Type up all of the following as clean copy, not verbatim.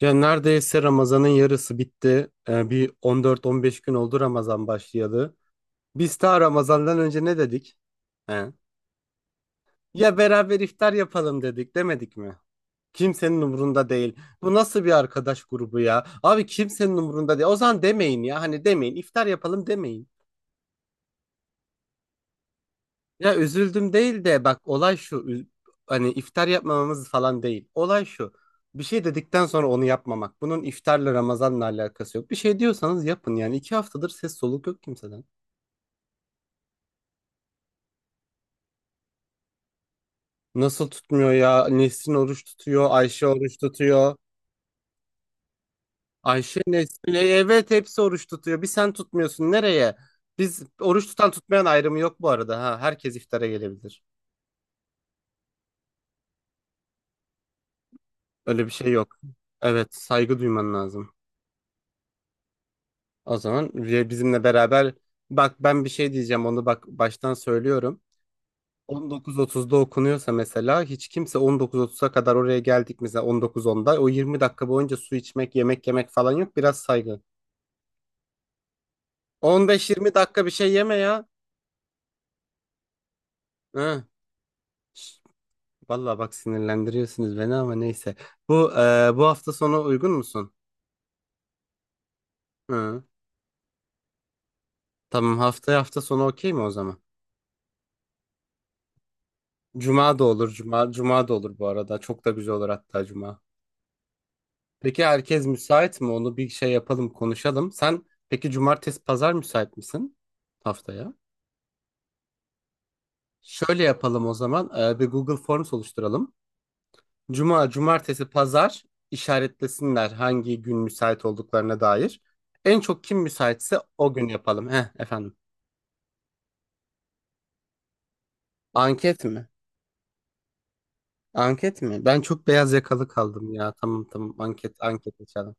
Ya neredeyse Ramazan'ın yarısı bitti. Bir 14-15 gün oldu Ramazan başlayalı. Biz daha Ramazan'dan önce ne dedik? He? Ya beraber iftar yapalım dedik, demedik mi? Kimsenin umurunda değil. Bu nasıl bir arkadaş grubu ya? Abi kimsenin umurunda değil. O zaman demeyin ya. Hani demeyin, İftar yapalım demeyin. Ya üzüldüm değil de bak olay şu hani iftar yapmamamız falan değil. Olay şu, bir şey dedikten sonra onu yapmamak. Bunun iftarla Ramazan'la alakası yok. Bir şey diyorsanız yapın, yani iki haftadır ses soluk yok kimseden. Nasıl tutmuyor ya? Nesrin oruç tutuyor, Ayşe oruç tutuyor. Ayşe, Nesrin, evet hepsi oruç tutuyor. Bir sen tutmuyorsun nereye? Biz oruç tutan tutmayan ayrımı yok bu arada ha. Herkes iftara gelebilir. Öyle bir şey yok. Evet, saygı duyman lazım. O zaman ve bizimle beraber bak, ben bir şey diyeceğim, onu bak baştan söylüyorum. 19.30'da okunuyorsa mesela, hiç kimse 19.30'a kadar, oraya geldik mesela 19.10'da, o 20 dakika boyunca su içmek, yemek yemek falan yok. Biraz saygı. 15-20 dakika bir şey yeme ya. Hı. Şş, vallahi bak sinirlendiriyorsunuz beni ama neyse. Bu hafta sonu uygun musun? Hı. Tamam, haftaya hafta sonu okey mi o zaman? Cuma da olur, cuma da olur bu arada, çok da güzel olur hatta cuma. Peki herkes müsait mi? Onu bir şey yapalım, konuşalım. Sen peki cumartesi, pazar müsait misin haftaya? Şöyle yapalım o zaman. Bir Google Forms oluşturalım. Cuma, cumartesi, pazar işaretlesinler hangi gün müsait olduklarına dair. En çok kim müsaitse o gün yapalım. Heh, efendim. Anket mi? Anket mi? Ben çok beyaz yakalı kaldım ya. Tamam tamam, anket, anket açalım.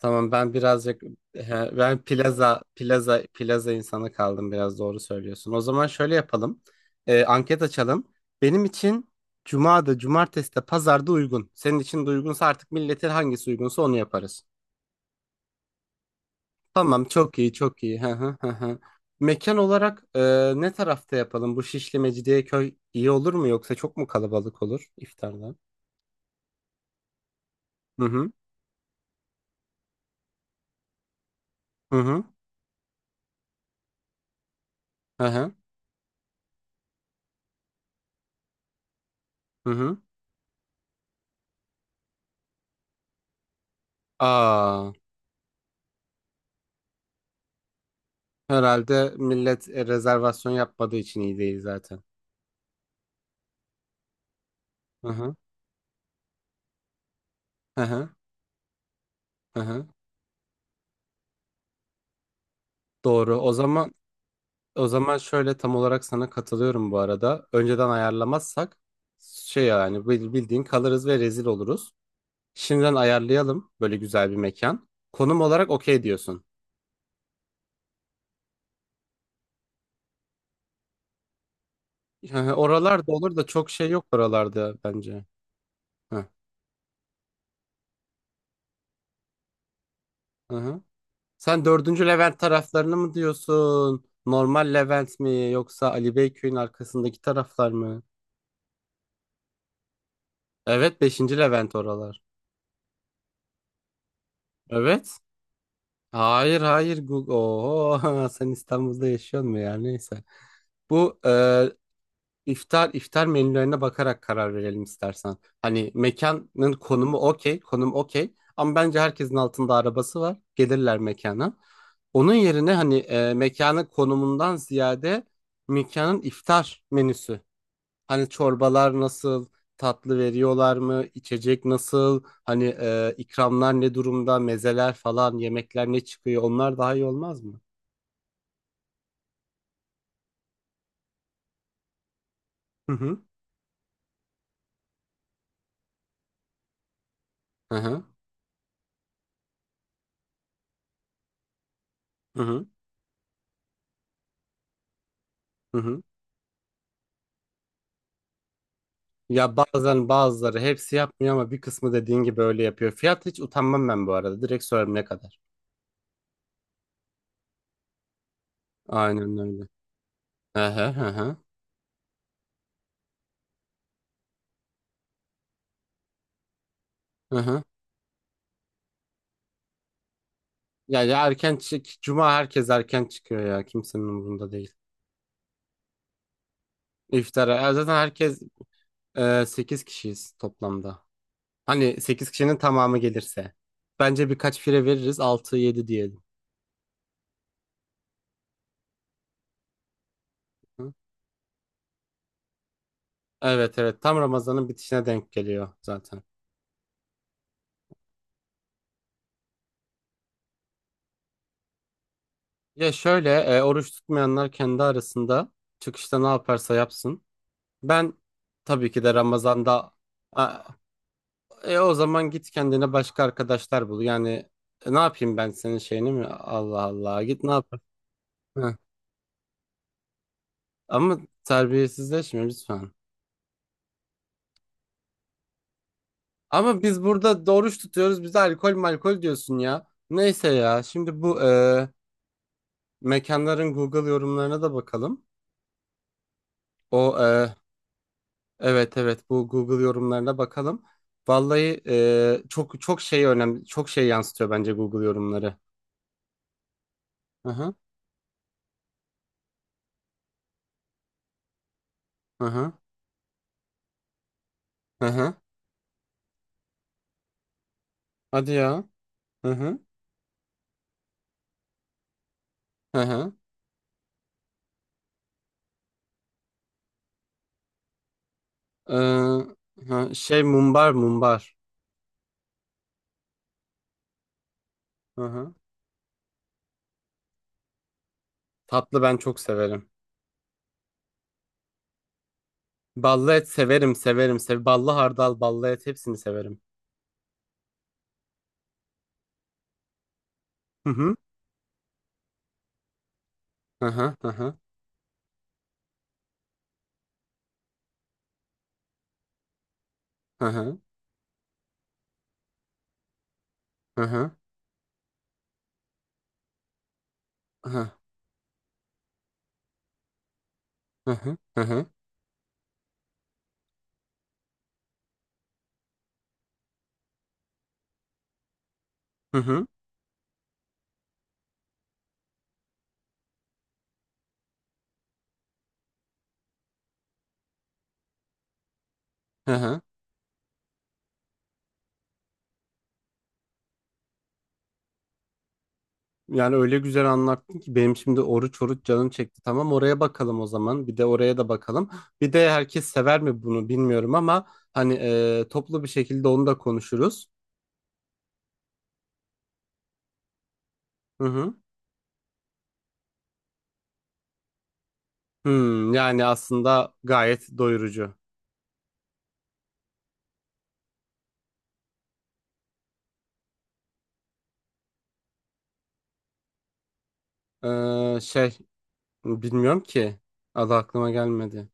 Tamam ben birazcık he, ben plaza insanı kaldım biraz, doğru söylüyorsun. O zaman şöyle yapalım. Anket açalım. Benim için cuma'da, cumartesi'de, pazar'da uygun. Senin için de uygunsa artık milletin hangisi uygunsa onu yaparız. Tamam, çok iyi çok iyi. Hı hı hı hı. Mekan olarak, ne tarafta yapalım? Bu Şişli Mecidiyeköy iyi olur mu yoksa çok mu kalabalık olur iftarda? Hı hı hı hı hı hı. Hı hı. Aa. Herhalde millet, rezervasyon yapmadığı için iyi değil zaten. Hı hı. Hı hı. Hı hı. Doğru. O zaman şöyle, tam olarak sana katılıyorum bu arada. Önceden ayarlamazsak şey, yani bildiğin kalırız ve rezil oluruz. Şimdiden ayarlayalım böyle güzel bir mekan. Konum olarak okey diyorsun. Hı hı. Oralarda olur da çok şey yok oralarda bence. Hı hı. Hı. Sen dördüncü Levent taraflarını mı diyorsun? Normal Levent mi yoksa Ali Beyköy'ün arkasındaki taraflar mı? Evet, beşinci Levent oralar. Evet. Hayır hayır, Google. Oho, sen İstanbul'da yaşıyorsun mu ya? Neyse. Bu e, iftar iftar menülerine bakarak karar verelim istersen. Hani mekanın konumu okey, konum okey. Ama bence herkesin altında arabası var. Gelirler mekana. Onun yerine hani mekanın konumundan ziyade mekanın iftar menüsü. Hani çorbalar nasıl, tatlı veriyorlar mı, içecek nasıl, hani ikramlar ne durumda, mezeler falan, yemekler ne çıkıyor, onlar daha iyi olmaz mı? Hı hı. Hı hı. Hı hı. Hı hı. Ya bazen bazıları, hepsi yapmıyor ama bir kısmı dediğin gibi öyle yapıyor. Fiyat, hiç utanmam ben bu arada. Direkt sorarım ne kadar. Aynen öyle. Hı hı hı hı. Hı hı. Ya, ya erken çık. Cuma herkes erken çıkıyor ya. Kimsenin umurunda değil. İftara. Ya zaten herkes, 8 kişiyiz toplamda. Hani 8 kişinin tamamı gelirse. Bence birkaç fire veririz, altı yedi diyelim. Hı? Evet evet. Tam Ramazan'ın bitişine denk geliyor zaten. Ya şöyle, oruç tutmayanlar kendi arasında çıkışta ne yaparsa yapsın. Ben tabii ki de Ramazan'da A- o zaman git kendine başka arkadaşlar bul. Yani ne yapayım ben senin şeyini mi? Allah Allah. Git ne yap? Hı. Ama terbiyesizleşme lütfen. Ama biz burada doğruş tutuyoruz. Bize alkol malkol diyorsun ya. Neyse ya. Şimdi bu, mekanların Google yorumlarına da bakalım. O e, evet evet, bu Google yorumlarına bakalım. Vallahi, çok çok şey önemli. Çok şey yansıtıyor bence Google yorumları. Hı hı hı hı. Hı hı. Hadi ya. Hı hı hı hı. Şey, mumbar. Hı hı. Tatlı ben çok severim. Ballı et severim severim. Sev ballı hardal, ballı et, hepsini severim. Hı hı. Hı hı hı hı hı hı hı hı hı hı hı hı hı hı hı hı. Yani öyle güzel anlattın ki benim şimdi oruç oruç canım çekti. Tamam, oraya bakalım o zaman. Bir de oraya da bakalım. Bir de herkes sever mi bunu bilmiyorum ama hani toplu bir şekilde onu da konuşuruz. Hı hı. Hmm, yani aslında gayet doyurucu. Ee, şey bilmiyorum ki, adı aklıma gelmedi.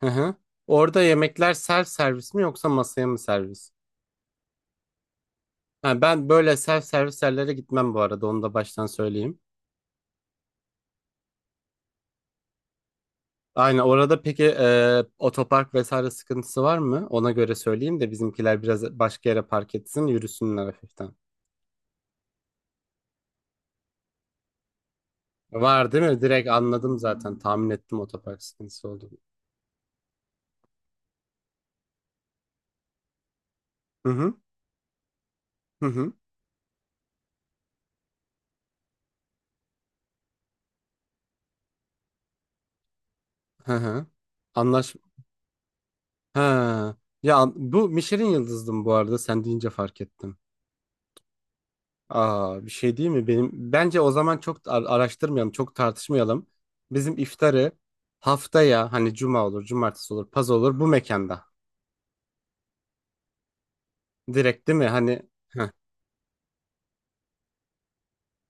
Hı hı. Orada yemekler self servis mi yoksa masaya mı servis? Ha, ben böyle self servis yerlere gitmem bu arada, onu da baştan söyleyeyim. Aynen, orada peki otopark vesaire sıkıntısı var mı? Ona göre söyleyeyim de bizimkiler biraz başka yere park etsin, yürüsünler hafiften. Var değil mi? Direkt anladım zaten, tahmin ettim otopark sıkıntısı olduğunu. Hı hı hı hı hı hı. Anlaş... Ha. Ya bu Michelin yıldızdım bu arada, sen deyince fark ettim. Aa, bir şey değil mi? Benim bence o zaman çok araştırmayalım, çok tartışmayalım. Bizim iftarı haftaya, hani cuma olur, cumartesi olur, paz olur, bu mekanda. Direkt değil mi? Hani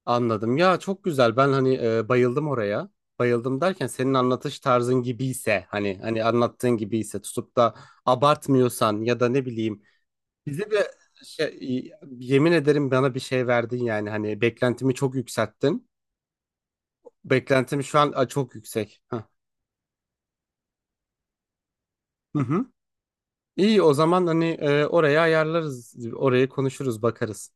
anladım. Ya çok güzel. Ben hani bayıldım oraya. Bayıldım derken, senin anlatış tarzın gibiyse, hani anlattığın gibiyse, tutup da abartmıyorsan ya da ne bileyim, bize de şey, yemin ederim bana bir şey verdin, yani hani beklentimi çok yükselttin. Beklentim şu an a, çok yüksek. Hah. Hı hı. İyi, o zaman hani oraya ayarlarız, orayı konuşuruz, bakarız.